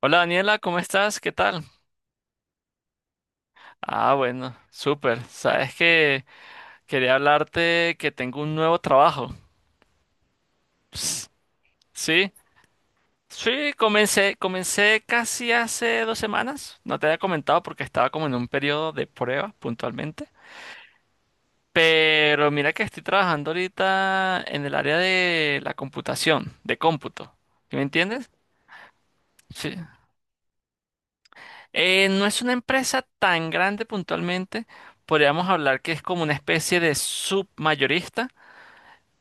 Hola Daniela, ¿cómo estás? ¿Qué tal? Ah, bueno, súper. Sabes que quería hablarte que tengo un nuevo trabajo. Ps, sí, sí, comencé casi hace 2 semanas. No te había comentado porque estaba como en un periodo de prueba puntualmente. Pero mira que estoy trabajando ahorita en el área de la computación, de cómputo. ¿Sí me entiendes? Sí. No es una empresa tan grande puntualmente. Podríamos hablar que es como una especie de submayorista.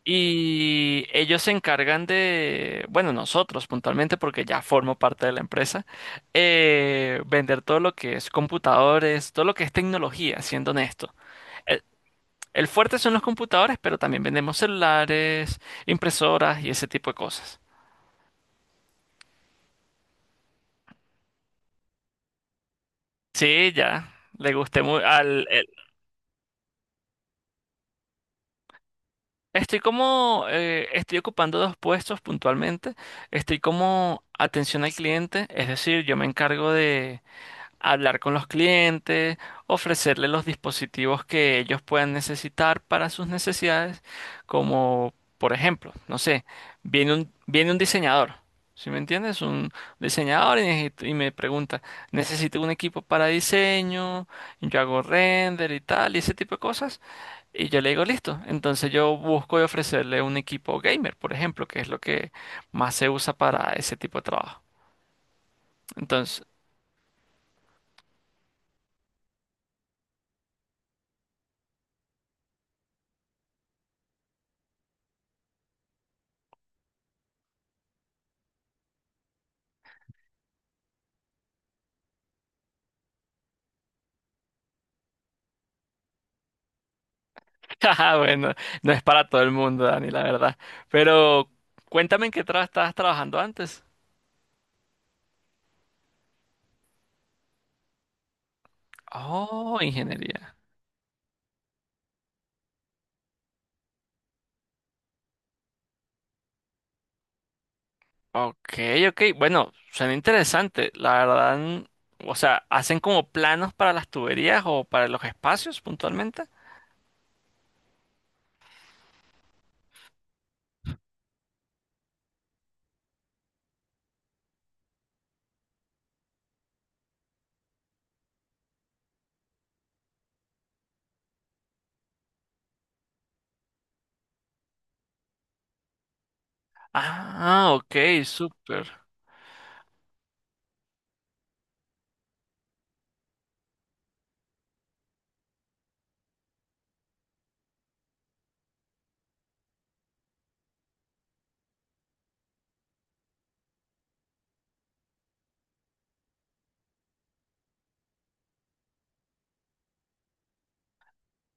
Y ellos se encargan de, bueno, nosotros puntualmente, porque ya formo parte de la empresa, vender todo lo que es computadores, todo lo que es tecnología, siendo honesto. El, el fuerte son los computadores, pero también vendemos celulares, impresoras y ese tipo de cosas. Sí, ya, le gusté muy al... Estoy como, estoy ocupando dos puestos puntualmente. Estoy como atención al cliente, es decir, yo me encargo de hablar con los clientes, ofrecerles los dispositivos que ellos puedan necesitar para sus necesidades, como por ejemplo, no sé, viene un diseñador, ¿sí me entiendes? Un diseñador y, y me pregunta, necesito un equipo para diseño, yo hago render y tal, y ese tipo de cosas, y yo le digo, listo, entonces yo busco y ofrecerle un equipo gamer, por ejemplo, que es lo que más se usa para ese tipo de trabajo. Ajá, bueno, no es para todo el mundo, Dani, la verdad. Pero cuéntame en qué estabas trabajando antes. Oh, ingeniería. Ok, ok. Bueno, suena interesante. La verdad, o sea, ¿hacen como planos para las tuberías o para los espacios puntualmente? Ah, ok, súper.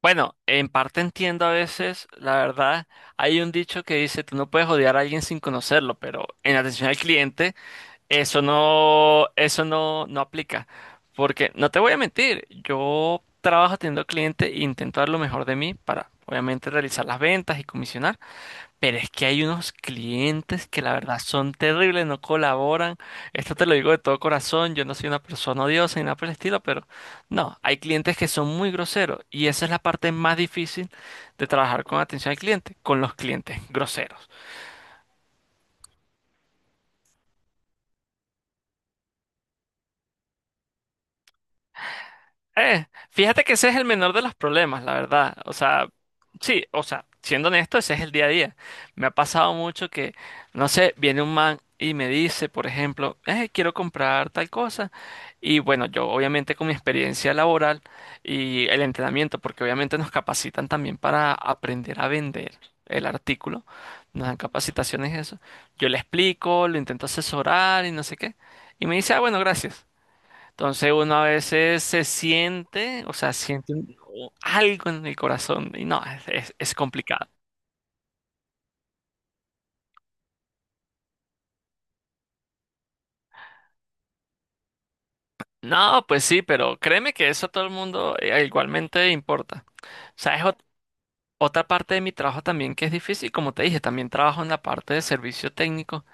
Bueno, en parte entiendo a veces, la verdad, hay un dicho que dice, tú no puedes odiar a alguien sin conocerlo, pero en atención al cliente. Eso no, no aplica. Porque no te voy a mentir, yo trabajo atendiendo al cliente e intento dar lo mejor de mí para, obviamente, realizar las ventas y comisionar. Pero es que hay unos clientes que la verdad son terribles, no colaboran. Esto te lo digo de todo corazón. Yo no soy una persona odiosa ni nada por el estilo, pero no, hay clientes que son muy groseros. Y esa es la parte más difícil de trabajar con atención al cliente, con los clientes groseros. Fíjate que ese es el menor de los problemas, la verdad. O sea, sí, o sea, siendo honesto, ese es el día a día. Me ha pasado mucho que, no sé, viene un man y me dice, por ejemplo, quiero comprar tal cosa. Y bueno, yo obviamente con mi experiencia laboral y el entrenamiento, porque obviamente nos capacitan también para aprender a vender el artículo, nos dan capacitaciones y eso. Yo le explico, lo intento asesorar y no sé qué. Y me dice, ah, bueno, gracias. Entonces uno a veces se siente, o sea, algo en el corazón y no, es complicado. No, pues sí, pero créeme que eso a todo el mundo igualmente importa. O sea, otra parte de mi trabajo también que es difícil, como te dije, también trabajo en la parte de servicio técnico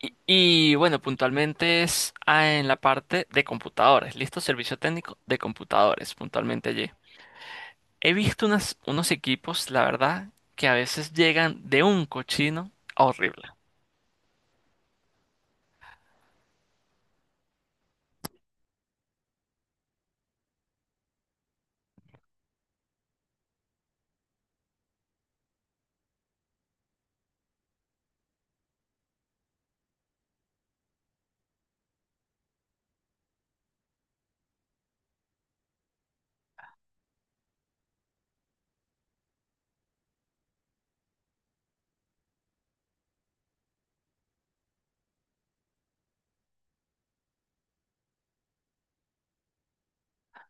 y, bueno, puntualmente es en la parte de computadores, listo, servicio técnico de computadores, puntualmente allí. He visto unos equipos, la verdad, que a veces llegan de un cochino horrible.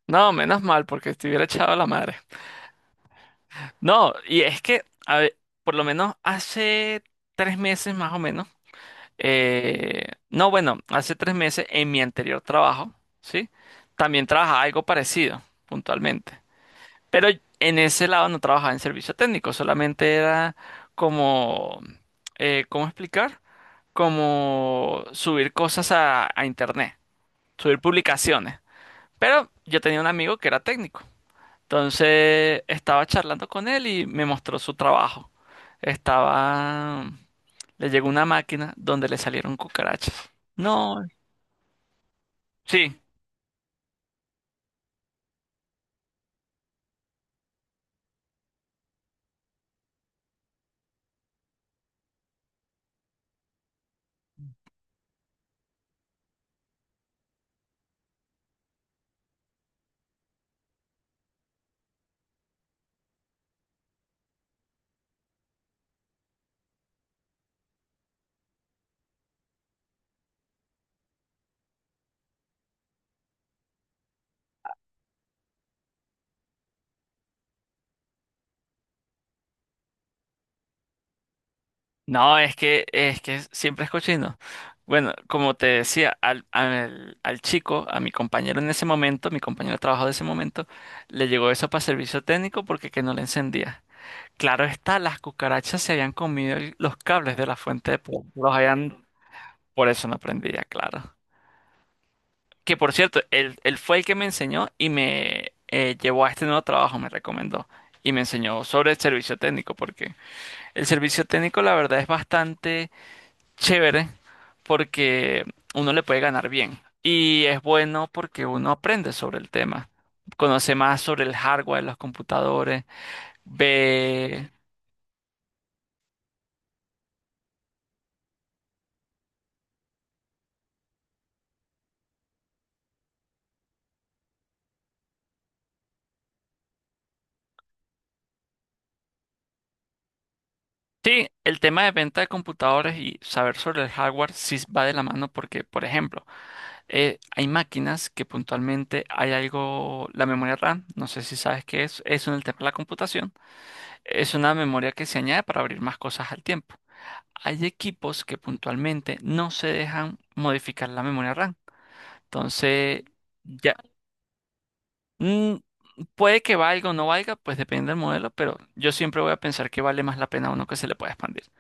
No, menos mal, porque estuviera echado la madre. No, y es que, a ver, por lo menos hace 3 meses más o menos, no, bueno, hace 3 meses en mi anterior trabajo, ¿sí? También trabajaba algo parecido, puntualmente. Pero en ese lado no trabajaba en servicio técnico, solamente era como, ¿cómo explicar? Como subir cosas a internet, subir publicaciones. Pero yo tenía un amigo que era técnico. Entonces estaba charlando con él y me mostró su trabajo. Estaba... Le llegó una máquina donde le salieron cucarachas. No, sí. No, es que siempre es cochino. Bueno, como te decía, al chico, a mi compañero en ese momento, mi compañero de trabajo de ese momento, le llegó eso para servicio técnico porque que no le encendía. Claro está, las cucarachas se habían comido los cables de la fuente de poder. Los habían... Por eso no prendía, claro. Que por cierto, él fue el que me enseñó y me llevó a este nuevo trabajo, me recomendó. Y me enseñó sobre el servicio técnico, porque el servicio técnico la verdad es bastante chévere, porque uno le puede ganar bien. Y es bueno porque uno aprende sobre el tema, conoce más sobre el hardware de los computadores, ve. Sí, el tema de venta de computadores y saber sobre el hardware sí va de la mano porque, por ejemplo, hay máquinas que puntualmente hay algo, la memoria RAM, no sé si sabes qué es en el tema de la computación, es una memoria que se añade para abrir más cosas al tiempo. Hay equipos que puntualmente no se dejan modificar la memoria RAM. Entonces, ya, mm, puede que valga o no valga, pues depende del modelo, pero yo siempre voy a pensar que vale más la pena uno que se le pueda expandir.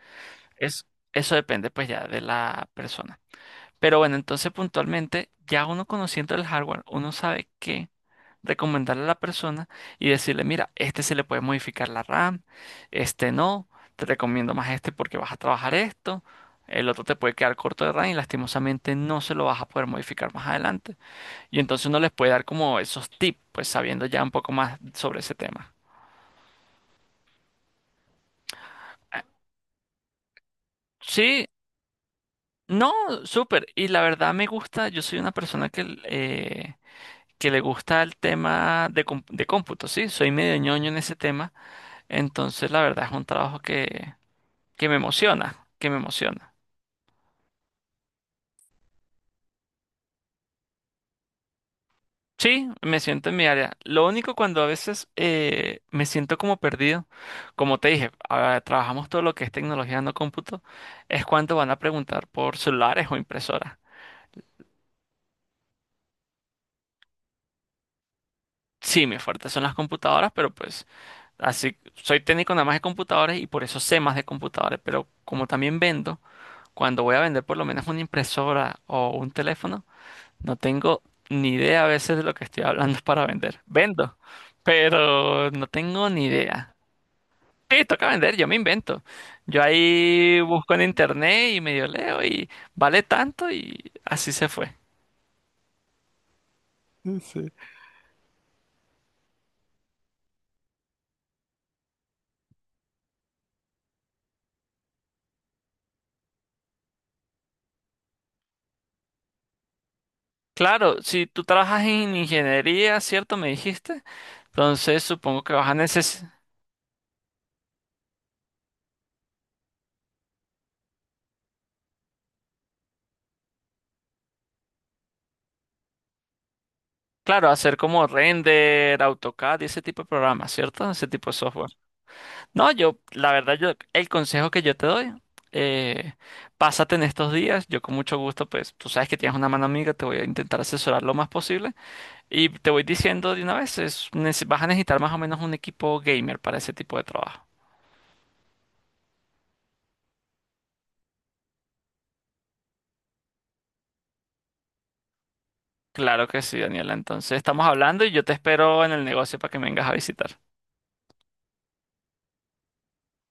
Es, eso depende pues ya de la persona. Pero bueno, entonces puntualmente, ya uno conociendo el hardware, uno sabe qué recomendarle a la persona y decirle, mira, este se le puede modificar la RAM, este no, te recomiendo más este porque vas a trabajar esto, el otro te puede quedar corto de RAM y lastimosamente no se lo vas a poder modificar más adelante. Y entonces uno les puede dar como esos tips, pues sabiendo ya un poco más sobre ese tema. Ah, sí, no, súper. Y la verdad me gusta, yo soy una persona que le gusta el tema de, de cómputo, ¿sí? Soy medio ñoño en ese tema, entonces la verdad es un trabajo que me emociona, que me emociona. Sí, me siento en mi área. Lo único cuando a veces me siento como perdido, como te dije, ah, trabajamos todo lo que es tecnología no cómputo, es cuando van a preguntar por celulares o impresoras. Sí, mi fuerte son las computadoras, pero pues así soy técnico nada más de computadores y por eso sé más de computadores, pero como también vendo, cuando voy a vender por lo menos una impresora o un teléfono, no tengo ni idea a veces de lo que estoy hablando para vender. Vendo, pero no tengo ni idea. Sí, toca vender, yo me invento. Yo ahí busco en internet y medio leo y vale tanto y así se fue. Claro, si tú trabajas en ingeniería, ¿cierto? Me dijiste. Entonces supongo que vas a necesitar, claro, hacer como render, AutoCAD y ese tipo de programas, ¿cierto? Ese tipo de software. No, yo, la verdad, yo, el consejo que yo te doy, eh, pásate en estos días, yo con mucho gusto, pues, tú sabes que tienes una mano amiga, te voy a intentar asesorar lo más posible y te voy diciendo de una vez, vas a necesitar más o menos un equipo gamer para ese tipo de trabajo. Claro que sí, Daniela, entonces estamos hablando y yo te espero en el negocio para que me vengas a visitar.